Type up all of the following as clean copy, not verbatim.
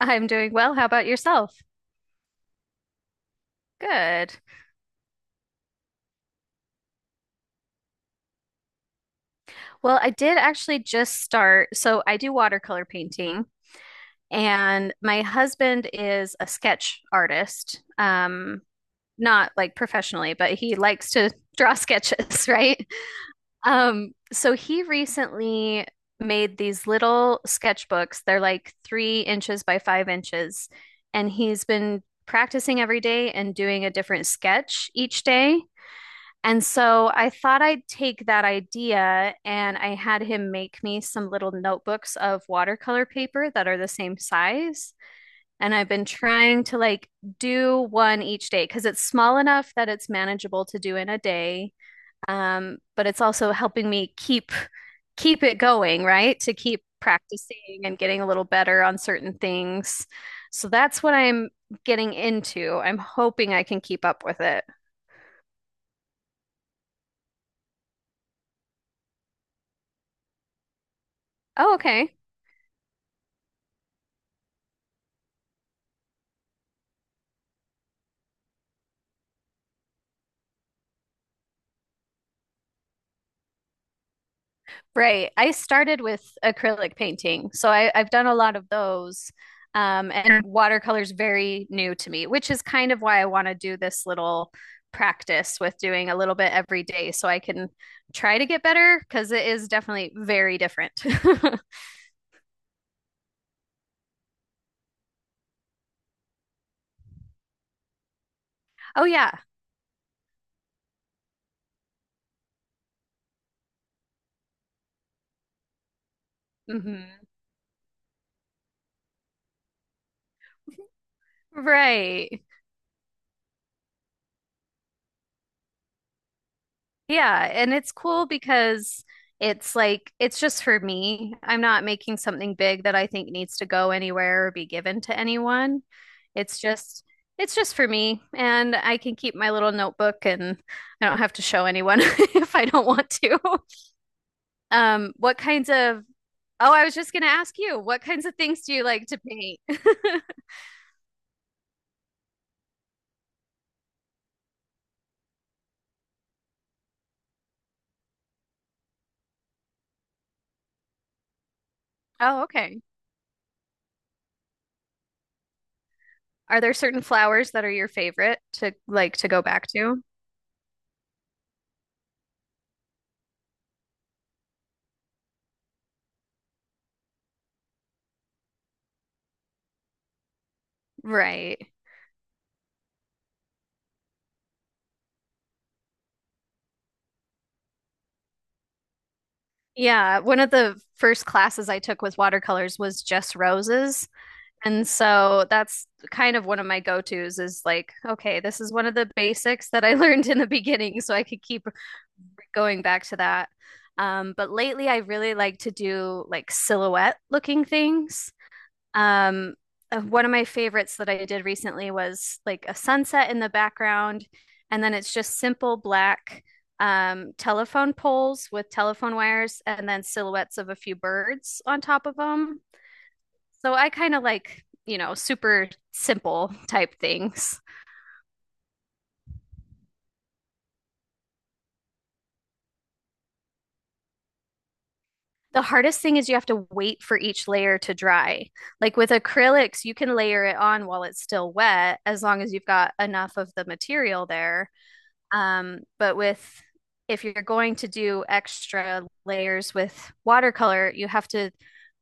I'm doing well. How about yourself? Good. Well, I did actually just start. So I do watercolor painting, and my husband is a sketch artist. Not like professionally, but he likes to draw sketches, right? So he recently made these little sketchbooks. They're like 3 inches by 5 inches, and he's been practicing every day and doing a different sketch each day. And so I thought I'd take that idea and I had him make me some little notebooks of watercolor paper that are the same size. And I've been trying to like do one each day because it's small enough that it's manageable to do in a day. But it's also helping me keep it going, right? To keep practicing and getting a little better on certain things. So that's what I'm getting into. I'm hoping I can keep up with it. Oh, okay. Right. I started with acrylic painting, so I've done a lot of those. And watercolor is very new to me, which is kind of why I want to do this little practice with doing a little bit every day so I can try to get better because it is definitely very different. Oh, yeah. Hmm. Right. Yeah, and it's cool because it's like it's just for me. I'm not making something big that I think needs to go anywhere or be given to anyone. It's just it's just for me and I can keep my little notebook and I don't have to show anyone if I don't want to. What kinds of Oh, I was just going to ask you, what kinds of things do you like to paint? Oh, okay. Are there certain flowers that are your favorite to like to go back to? Right. Yeah, one of the first classes I took with watercolors was just roses. And so that's kind of one of my go-tos is like, okay, this is one of the basics that I learned in the beginning, so I could keep going back to that. But lately I really like to do like silhouette looking things. Um, One of my favorites that I did recently was like a sunset in the background, and then it's just simple black telephone poles with telephone wires and then silhouettes of a few birds on top of them. So I kind of like, you know, super simple type things. The hardest thing is you have to wait for each layer to dry. Like with acrylics, you can layer it on while it's still wet as long as you've got enough of the material there. But with if you're going to do extra layers with watercolor, you have to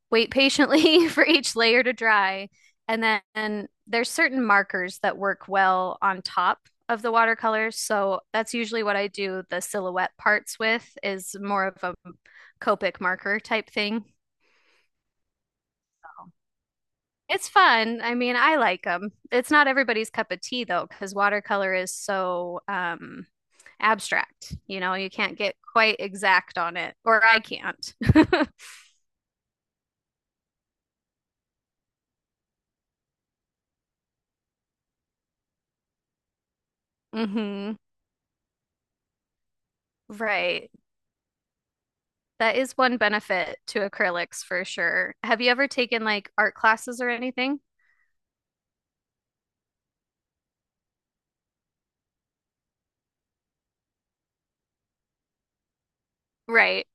wait patiently for each layer to dry. And then and there's certain markers that work well on top of the watercolors. So that's usually what I do the silhouette parts with is more of a Copic marker type thing. It's fun. I mean, I like them. It's not everybody's cup of tea though, because watercolor is so abstract. You know, you can't get quite exact on it, or I can't. Hmm. Right. That is one benefit to acrylics for sure. Have you ever taken like art classes or anything? Right.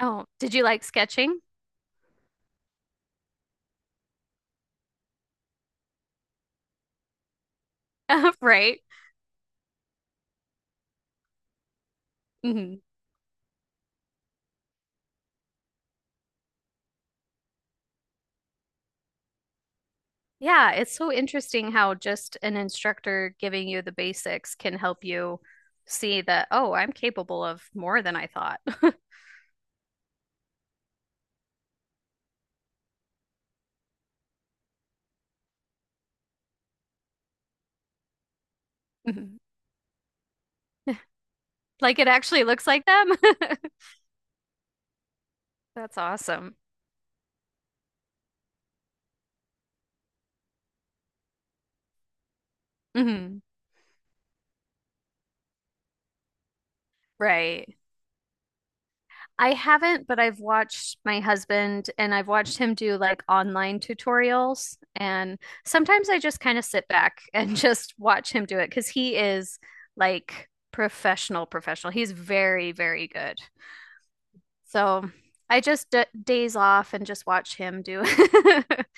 Oh, did you like sketching? Right. Yeah, it's so interesting how just an instructor giving you the basics can help you see that, oh, I'm capable of more than I thought. Mhm. Like it actually looks like them. That's awesome. Hmm. Right. I haven't, but I've watched my husband and I've watched him do like online tutorials. And sometimes I just kind of sit back and just watch him do it because he is like professional, professional. He's very, very good. So I just d days off and just watch him do it.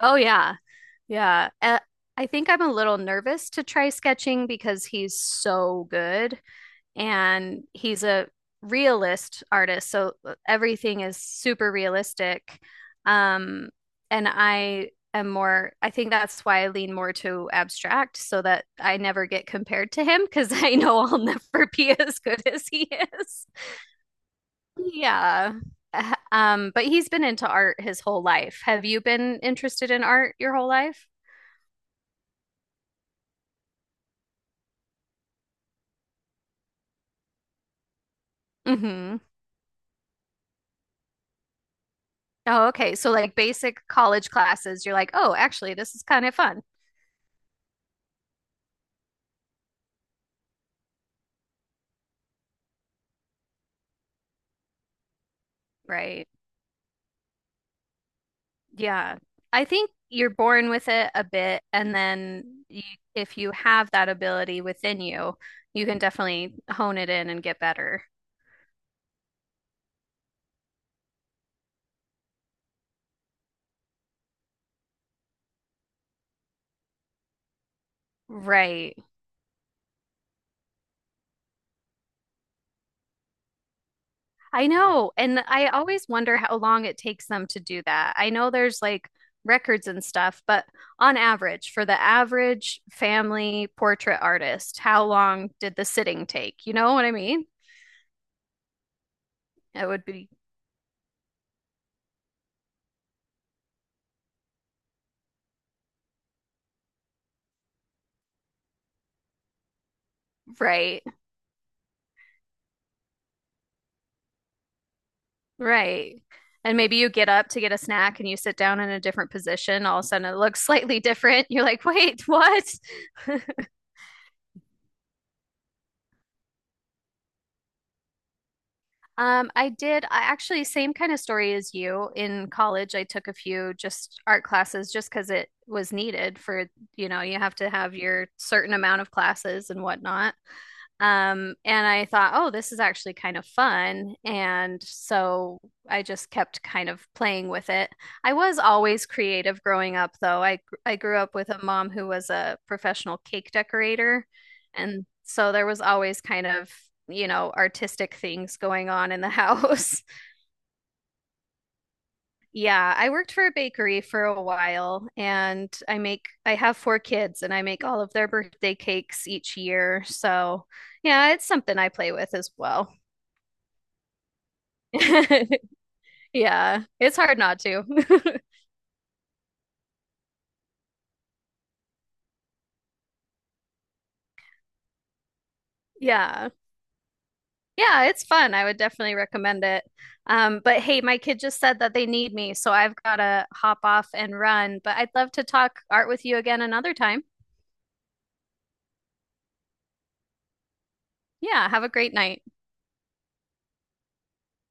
Oh, yeah. Yeah. I think I'm a little nervous to try sketching because he's so good and he's a realist artist. So everything is super realistic. Um, and I am more, I think that's why I lean more to abstract so that I never get compared to him because I know I'll never be as good as he is. Yeah. But he's been into art his whole life. Have you been interested in art your whole life? Mm-hmm. Oh, okay. So like basic college classes, you're like, oh, actually, this is kind of fun. Right. Yeah. I think you're born with it a bit, and then you, if you have that ability within you, you can definitely hone it in and get better. Right. I know. And I always wonder how long it takes them to do that. I know there's like records and stuff, but on average, for the average family portrait artist, how long did the sitting take? You know what I mean? It would be right, right. And maybe you get up to get a snack and you sit down in a different position. All of a sudden, it looks slightly different. You're like, wait, what? I actually, same kind of story as you. In college, I took a few just art classes just because it was needed for, you know, you have to have your certain amount of classes and whatnot. And I thought, oh, this is actually kind of fun. And so I just kept kind of playing with it. I was always creative growing up, though. I grew up with a mom who was a professional cake decorator, and so there was always kind of, you know, artistic things going on in the house. Yeah, I worked for a bakery for a while, and I have 4 kids, and I make all of their birthday cakes each year. So, yeah, it's something I play with as well. Yeah, it's hard not to. Yeah. Yeah, it's fun. I would definitely recommend it. But hey, my kid just said that they need me, so I've got to hop off and run. But I'd love to talk art with you again another time. Yeah, have a great night.